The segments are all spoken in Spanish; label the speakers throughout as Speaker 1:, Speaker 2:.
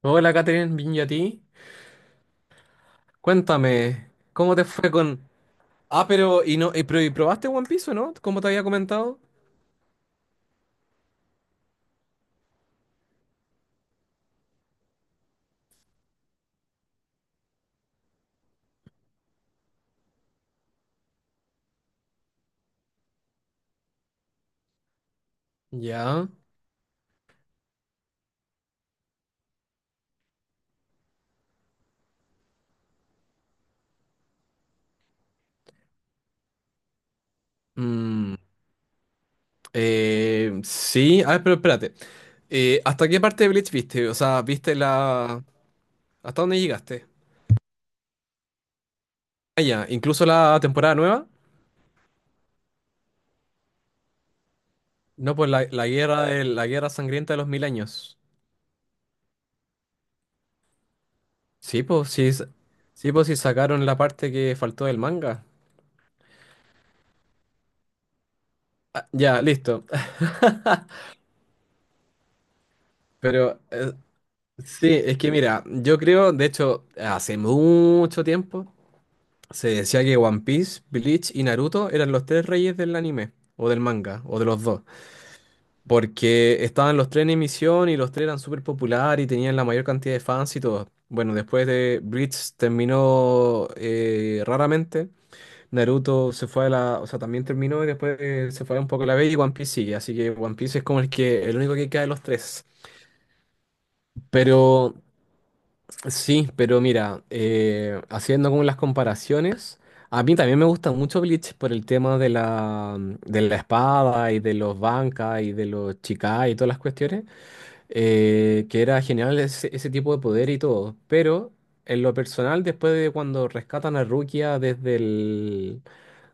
Speaker 1: Hola, Catherine, bien y a ti. Cuéntame, ¿cómo te fue con? Ah, pero y no, y pero y probaste One Piece, o no? Como te había comentado. Ya. Mm, sí, a ver, pero espérate. ¿Hasta qué parte de Bleach viste? O sea, ¿viste la? ¿Hasta dónde llegaste? Ah, ya, incluso la temporada nueva. No, pues la guerra sangrienta de los mil años. Sí, pues sí, s- sí, pues sí sacaron la parte que faltó del manga. Ah, ya, listo. Pero eh, Sí, es que mira, yo creo, de hecho, hace mucho tiempo se decía que One Piece, Bleach y Naruto eran los tres reyes del anime, o del manga, o de los dos, porque estaban los tres en emisión y los tres eran súper populares y tenían la mayor cantidad de fans y todo. Bueno, después de Bleach terminó raramente, Naruto se fue o sea, también terminó y después se fue un poco a la B y One Piece sigue, así que One Piece es como el único que queda de los tres. Pero Sí, pero mira, haciendo como las comparaciones, a mí también me gusta mucho Bleach por el tema de la espada y de los bancas y de los chicas y todas las cuestiones, que era genial ese tipo de poder y todo. Pero en lo personal, después de cuando rescatan a Rukia desde el,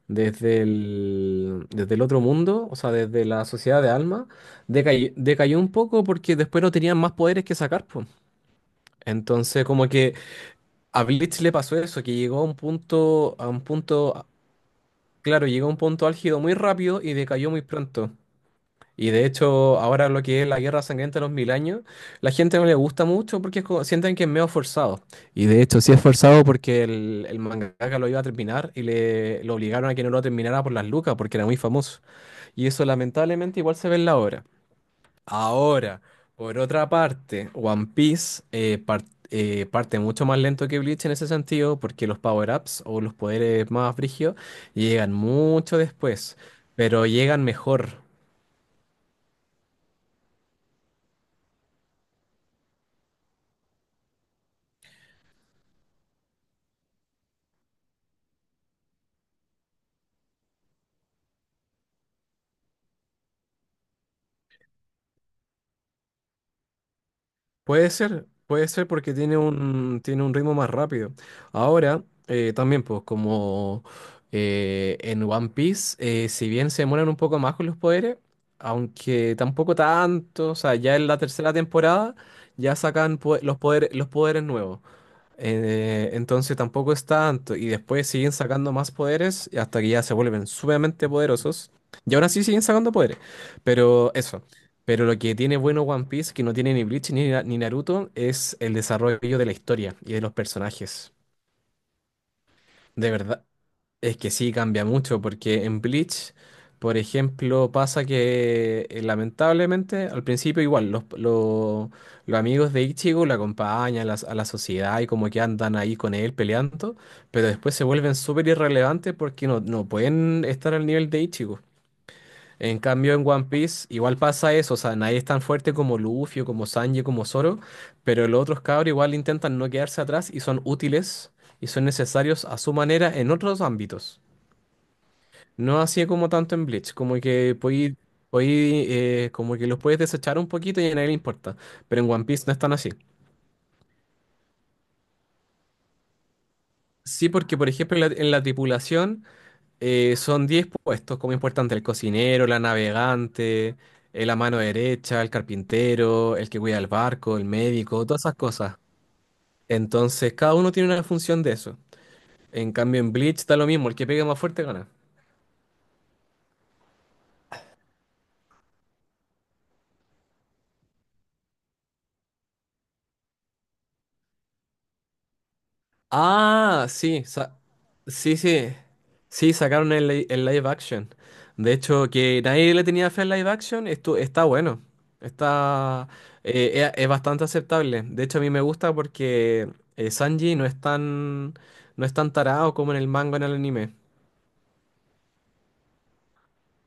Speaker 1: desde el, desde el otro mundo, o sea, desde la sociedad de alma, decayó un poco porque después no tenían más poderes que sacar, pues. Entonces, como que. A Bleach le pasó eso, que llegó a un punto, claro, llegó a un punto álgido muy rápido y decayó muy pronto. Y de hecho, ahora lo que es la Guerra Sangrienta de los Mil Años, la gente no le gusta mucho porque sienten que es medio forzado. Y de hecho, sí es forzado porque el mangaka lo iba a terminar lo obligaron a que no lo terminara por las lucas porque era muy famoso. Y eso lamentablemente igual se ve en la obra. Ahora, por otra parte, One Piece parte mucho más lento que Bleach en ese sentido, porque los power-ups o los poderes más brígidos llegan mucho después, pero llegan mejor. Puede ser porque tiene un ritmo más rápido. Ahora, también, pues, como en One Piece, si bien se demoran un poco más con los poderes, aunque tampoco tanto, o sea, ya en la tercera temporada ya sacan los poderes nuevos. Entonces tampoco es tanto. Y después siguen sacando más poderes y hasta que ya se vuelven sumamente poderosos. Y aún así siguen sacando poderes. Pero eso. Pero lo que tiene bueno One Piece, que no tiene ni Bleach ni Naruto, es el desarrollo de la historia y de los personajes. De verdad. Es que sí, cambia mucho, porque en Bleach, por ejemplo, pasa que lamentablemente al principio igual los amigos de Ichigo lo acompañan a la sociedad y como que andan ahí con él peleando, pero después se vuelven súper irrelevantes porque no pueden estar al nivel de Ichigo. En cambio, en One Piece igual pasa eso, o sea, nadie es tan fuerte como Luffy, o como Sanji, como Zoro, pero los otros cabros igual intentan no quedarse atrás y son útiles y son necesarios a su manera en otros ámbitos. No hacía como tanto en Bleach, como que los puedes desechar un poquito y a nadie le importa. Pero en One Piece no es tan así. Sí, porque por ejemplo en la tripulación son 10 puestos como importante, el cocinero, la navegante, la mano derecha, el carpintero, el que cuida el barco, el médico, todas esas cosas. Entonces cada uno tiene una función de eso. En cambio en Bleach da lo mismo, el que pegue más fuerte gana. Ah, sí, sí. Sí, sacaron el live action. De hecho, que nadie le tenía fe al live action, esto está bueno. Está, es bastante aceptable. De hecho, a mí me gusta porque Sanji no es tan tarado como en el manga en el anime.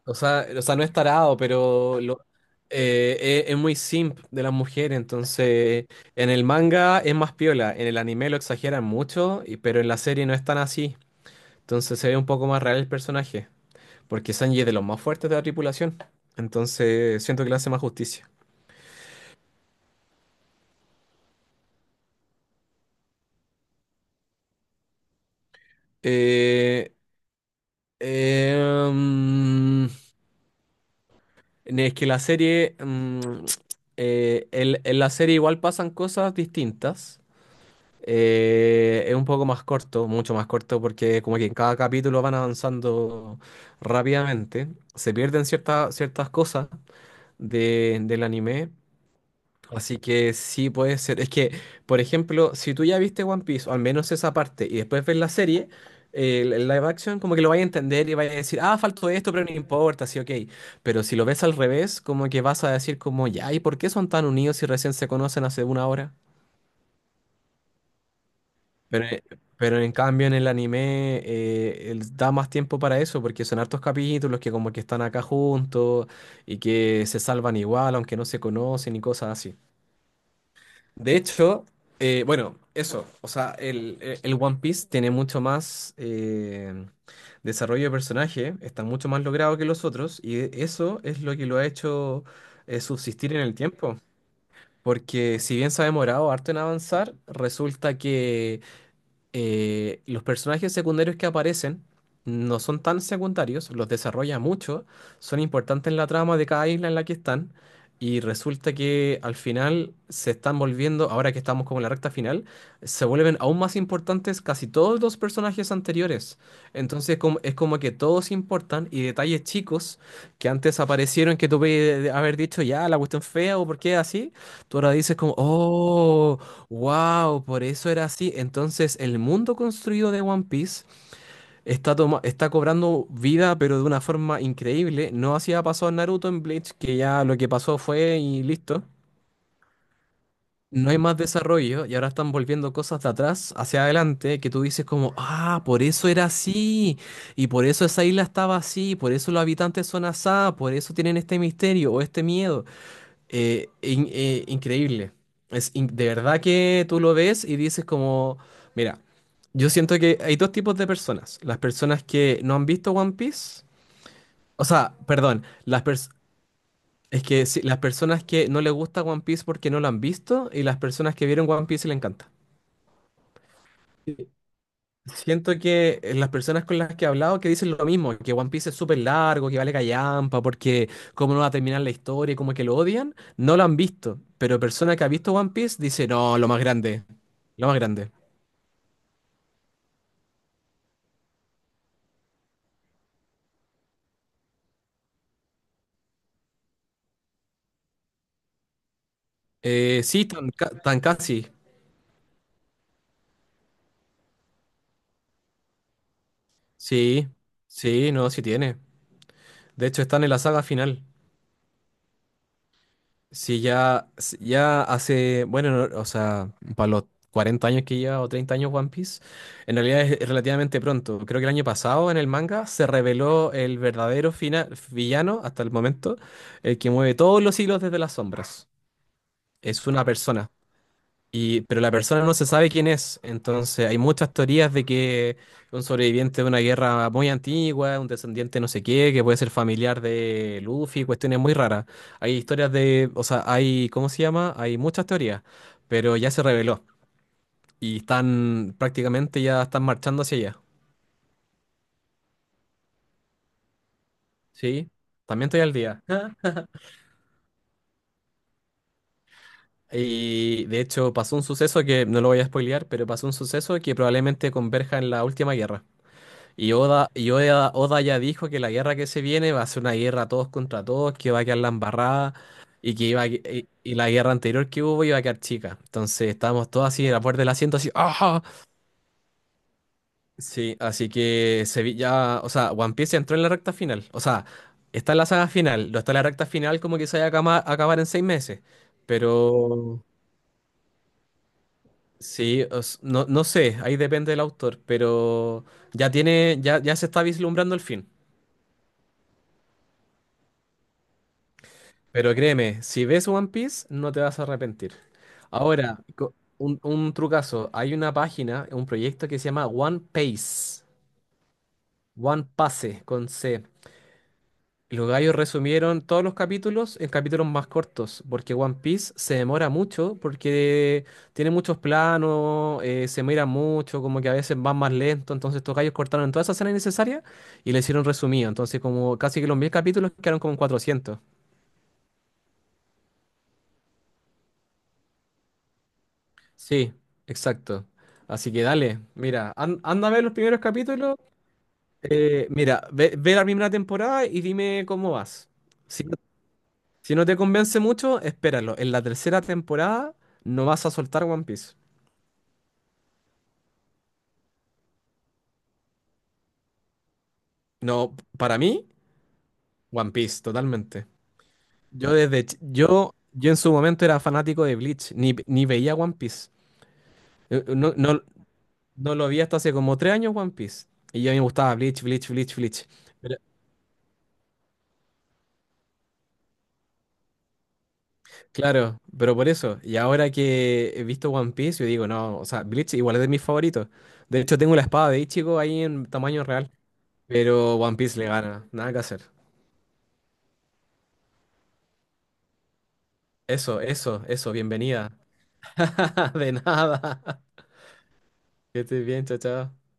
Speaker 1: O sea, no es tarado, pero es muy simp de las mujeres. Entonces, en el manga es más piola. En el anime lo exageran mucho, pero en la serie no es tan así. Entonces se ve un poco más real el personaje, porque Sanji es de los más fuertes de la tripulación. Entonces siento que le hace más justicia. Eh, eh, mm, es que la serie, mm, el- en la serie igual pasan cosas distintas. Es un poco más corto, mucho más corto, porque como que en cada capítulo van avanzando rápidamente. Se pierden ciertas cosas del anime. Así que sí puede ser. Es que, por ejemplo, si tú ya viste One Piece, o al menos esa parte, y después ves la serie, el live action, como que lo vayas a entender y vayas a decir, ah, faltó esto, pero no importa, sí, ok. Pero si lo ves al revés, como que vas a decir como, ya, ¿y por qué son tan unidos si recién se conocen hace una hora? Pero, eh, pero en cambio en el anime da más tiempo para eso, porque son hartos capítulos que como que están acá juntos y que se salvan igual, aunque no se conocen y cosas así. De hecho, bueno, eso, o sea, el One Piece tiene mucho más desarrollo de personaje, está mucho más logrado que los otros, y eso es lo que lo ha hecho subsistir en el tiempo. Porque si bien se ha demorado harto en avanzar, resulta que los personajes secundarios que aparecen no son tan secundarios, los desarrolla mucho, son importantes en la trama de cada isla en la que están, y resulta que al final se están volviendo, ahora que estamos como en la recta final, se vuelven aún más importantes casi todos los personajes anteriores. Entonces, es como que todos importan y detalles chicos que antes aparecieron que tú puedes haber dicho, ya, la cuestión fea o por qué así, tú ahora dices como, oh. Wow, por eso era así. Entonces, el mundo construido de One Piece está cobrando vida, pero de una forma increíble. No hacía pasó en Naruto, en Bleach, que ya lo que pasó fue y listo. No hay más desarrollo y ahora están volviendo cosas de atrás hacia adelante que tú dices como, ah, por eso era así, y por eso esa isla estaba así, por eso los habitantes son asá, por eso tienen este misterio o este miedo. Increíble. De verdad que tú lo ves y dices como, mira, yo siento que hay dos tipos de personas. Las personas que no han visto One Piece, o sea, perdón, es que sí, las personas que no les gusta One Piece porque no lo han visto y las personas que vieron One Piece y le encanta. Siento que las personas con las que he hablado que dicen lo mismo, que One Piece es súper largo, que vale callampa, porque cómo no va a terminar la historia, y como que lo odian, no lo han visto. Pero persona que ha visto One Piece dice, no, lo más grande, lo más grande. Sí, tan casi, sí, sí, no, sí tiene. De hecho, están en la saga final. Sí, ya, sí, bueno, no, o sea, para los 40 años que lleva o 30 años One Piece, en realidad es relativamente pronto. Creo que el año pasado en el manga se reveló el verdadero villano hasta el momento, el que mueve todos los hilos desde las sombras. Es una persona. Pero la persona no se sabe quién es, entonces hay muchas teorías de que un sobreviviente de una guerra muy antigua, un descendiente no sé qué, que puede ser familiar de Luffy, cuestiones muy raras. Hay historias de, o sea, hay, ¿cómo se llama? Hay muchas teorías, pero ya se reveló y están prácticamente ya están marchando hacia allá, ¿sí? También estoy al día. Y de hecho pasó un suceso que, no lo voy a spoilear, pero pasó un suceso que probablemente converja en la última guerra. Y Oda ya dijo que la guerra que se viene va a ser una guerra todos contra todos, que va a quedar la embarrada y que iba a y la guerra anterior que hubo iba a quedar chica. Entonces estábamos todos así en la puerta del asiento, así, ¡ajá! Sí, así que se vi ya, o sea, One Piece entró en la recta final. O sea, está en la saga final, no está en la recta final como que se vaya a a acabar en 6 meses. Pero sí, no sé, ahí depende del autor, pero ya se está vislumbrando el fin. Pero créeme, si ves One Piece, no te vas a arrepentir. Ahora, un trucazo. Hay una página, un proyecto que se llama One Pace. One Pase, con C. Los gallos resumieron todos los capítulos en capítulos más cortos, porque One Piece se demora mucho, porque tiene muchos planos, se mira mucho, como que a veces van más lento, entonces estos gallos cortaron todas esas escenas innecesarias y le hicieron resumido, entonces como casi que los 1000 capítulos quedaron como en 400. Sí, exacto. Así que dale, mira, anda a ver los primeros capítulos. Mira, ve la primera temporada y dime cómo vas. Si, no si no te convence mucho, espéralo. En la tercera temporada no vas a soltar One Piece. No, para mí, One Piece, totalmente. Yo desde ch- yo en su momento era fanático de Bleach, ni veía One Piece. No, no, no lo vi hasta hace como 3 años One Piece. Y ya me gustaba Bleach, Bleach, Bleach, Bleach. Claro, pero por eso, y ahora que he visto One Piece, yo digo, no, o sea, Bleach igual es de mis favoritos. De hecho, tengo la espada de Ichigo ahí en tamaño real, pero One Piece le gana, nada que hacer. Eso, bienvenida. De nada. Que estés bien, chao, chao.